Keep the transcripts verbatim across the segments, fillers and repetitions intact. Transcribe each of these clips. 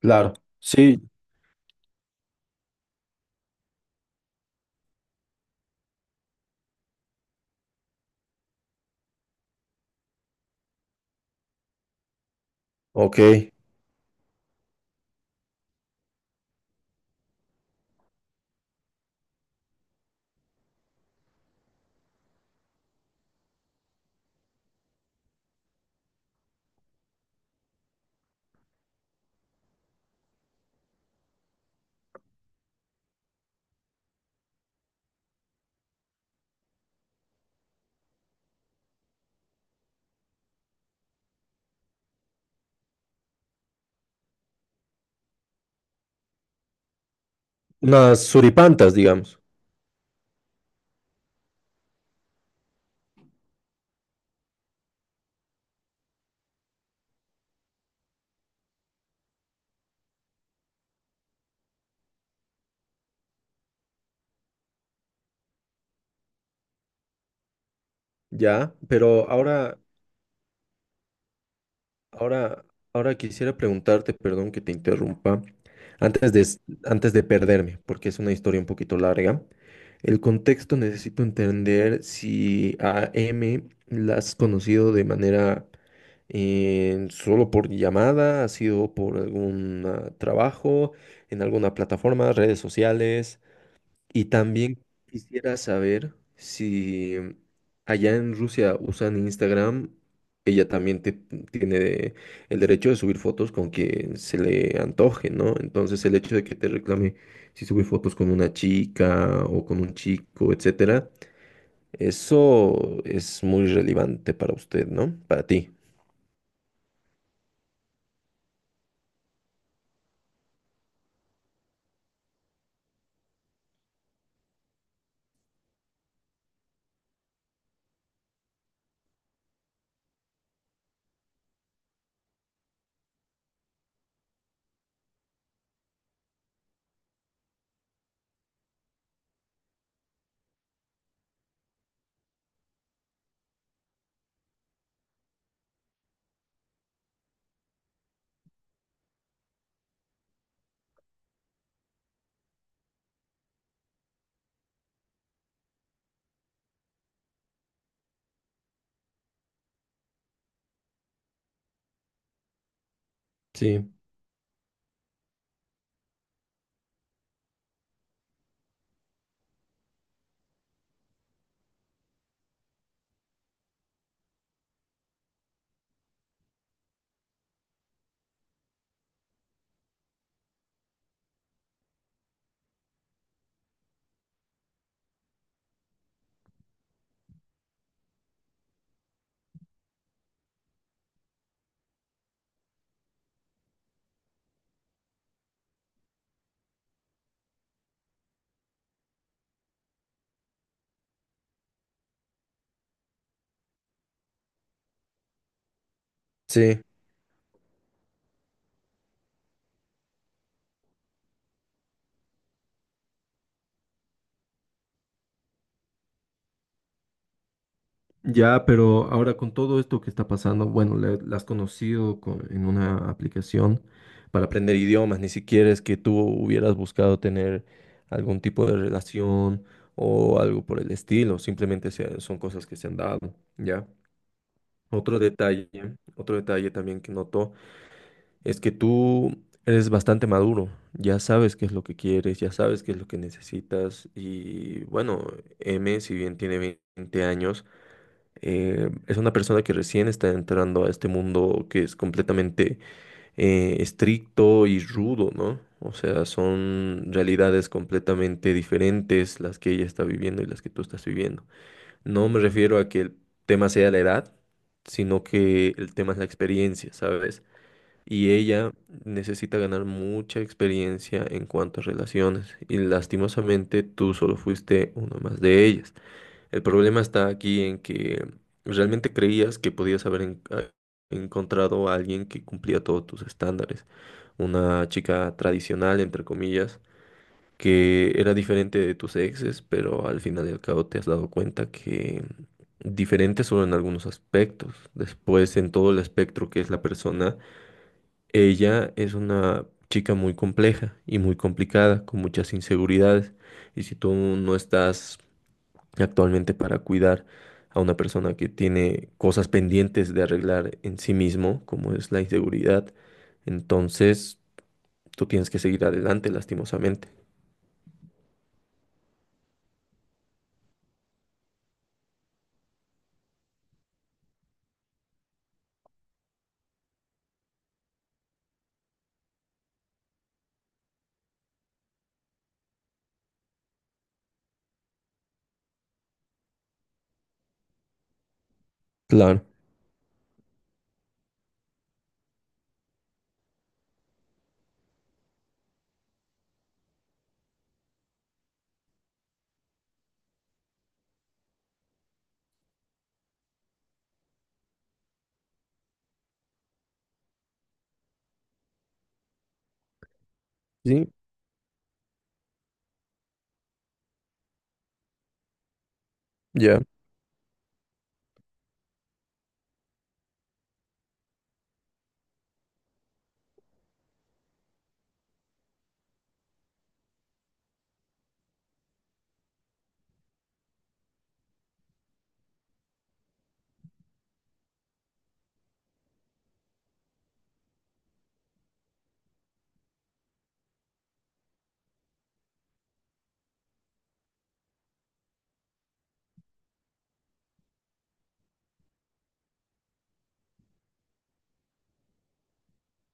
Claro, sí, ok. Unas suripantas, digamos. Ya, pero ahora, ahora, ahora quisiera preguntarte, perdón que te interrumpa, antes de, s- antes de perderme, porque es una historia un poquito larga. El contexto necesito entender si a M la has conocido de manera eh, solo por llamada, ha sido por algún ah, trabajo, en alguna plataforma, redes sociales. Y también quisiera saber si allá en Rusia usan Instagram, ella también te- tiene de- el derecho de subir fotos con quien se le antoje, ¿no? Entonces el hecho de que te reclame si subí fotos con una chica o con un chico, etcétera, eso es muy relevante para usted, ¿no? Para ti. Sí, sí. Ya, pero ahora con todo esto que está pasando, bueno, la, la has conocido con- en una aplicación para aprender idiomas, ni siquiera es que tú hubieras buscado tener algún tipo de relación o algo por el estilo, simplemente se- son cosas que se han dado, ¿ya? Otro detalle, otro detalle también que noto es que tú eres bastante maduro, ya sabes qué es lo que quieres, ya sabes qué es lo que necesitas y bueno, M, si bien tiene veinte años, eh, es una persona que recién está entrando a este mundo que es completamente eh, estricto y rudo, ¿no? O sea, son realidades completamente diferentes las que ella está viviendo y las que tú estás viviendo. No me refiero a que el tema sea la edad, sino que el tema es la experiencia, ¿sabes? Y ella necesita ganar mucha experiencia en cuanto a relaciones. Y lastimosamente tú solo fuiste uno más de ellas. El problema está aquí en que realmente creías que podías haber en- a- encontrado a alguien que cumplía todos tus estándares, una chica tradicional, entre comillas, que era diferente de tus exes, pero al final y al cabo te has dado cuenta que diferente solo en algunos aspectos. Después, en todo el espectro que es la persona, ella es una chica muy compleja y muy complicada, con muchas inseguridades. Y si tú no estás actualmente para cuidar a una persona que tiene cosas pendientes de arreglar en sí mismo, como es la inseguridad. Entonces, tú tienes que seguir adelante, lastimosamente. Claro. Sí, ya.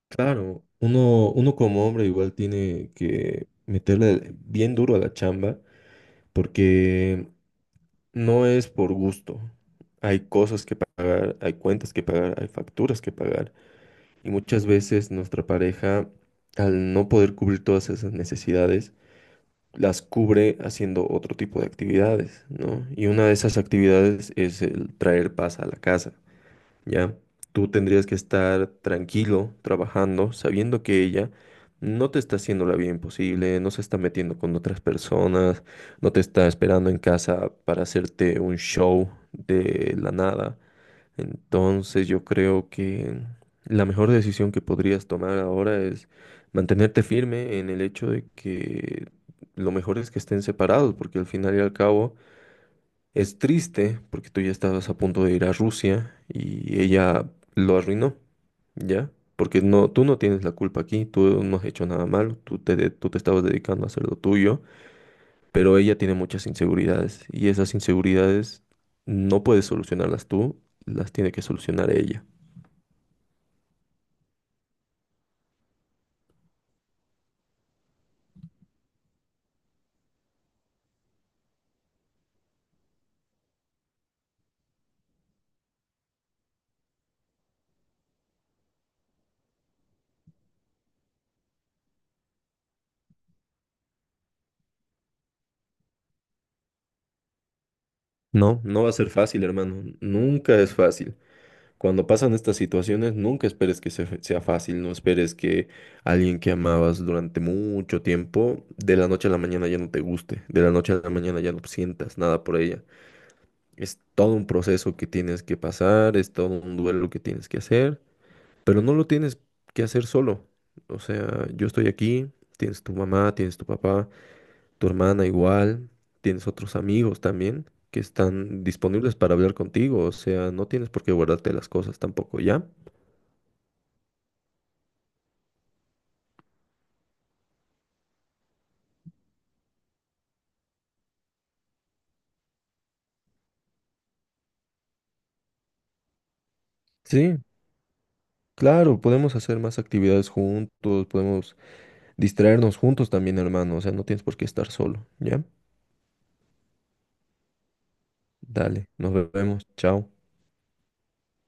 Claro, uno, uno como hombre igual tiene que meterle bien duro a la chamba porque no es por gusto. Hay cosas que pagar, hay cuentas que pagar, hay facturas que pagar. Y muchas veces nuestra pareja, al no poder cubrir todas esas necesidades, las cubre haciendo otro tipo de actividades, ¿no? Y una de esas actividades es el traer paz a la casa, ¿ya? Tú tendrías que estar tranquilo, trabajando, sabiendo que ella no te está haciendo la vida imposible, no se está metiendo con otras personas, no te está esperando en casa para hacerte un show de la nada. Entonces yo creo que la mejor decisión que podrías tomar ahora es mantenerte firme en el hecho de que lo mejor es que estén separados, porque al final y al cabo es triste, porque tú ya estabas a punto de ir a Rusia y ella lo arruinó, ¿ya? Porque no, tú no tienes la culpa aquí, tú no has hecho nada malo, tú te, de- tú te estabas dedicando a hacer lo tuyo, pero ella tiene muchas inseguridades y esas inseguridades no puedes solucionarlas tú, las tiene que solucionar ella. No, no va a ser fácil, hermano. Nunca es fácil. Cuando pasan estas situaciones, nunca esperes que se- sea fácil. No esperes que alguien que amabas durante mucho tiempo, de la noche a la mañana ya no te guste. De la noche a la mañana ya no sientas nada por ella. Es todo un proceso que tienes que pasar, es todo un duelo que tienes que hacer, pero no lo tienes que hacer solo. O sea, yo estoy aquí, tienes tu mamá, tienes tu papá tu hermana igual, tienes otros amigos también que están disponibles para hablar contigo, o sea, no tienes por qué guardarte las cosas tampoco, ¿ya? Sí, claro, podemos hacer más actividades juntos, podemos distraernos juntos también, hermano, o sea, no tienes por qué estar solo, ¿ya? Dale, nos vemos, chao.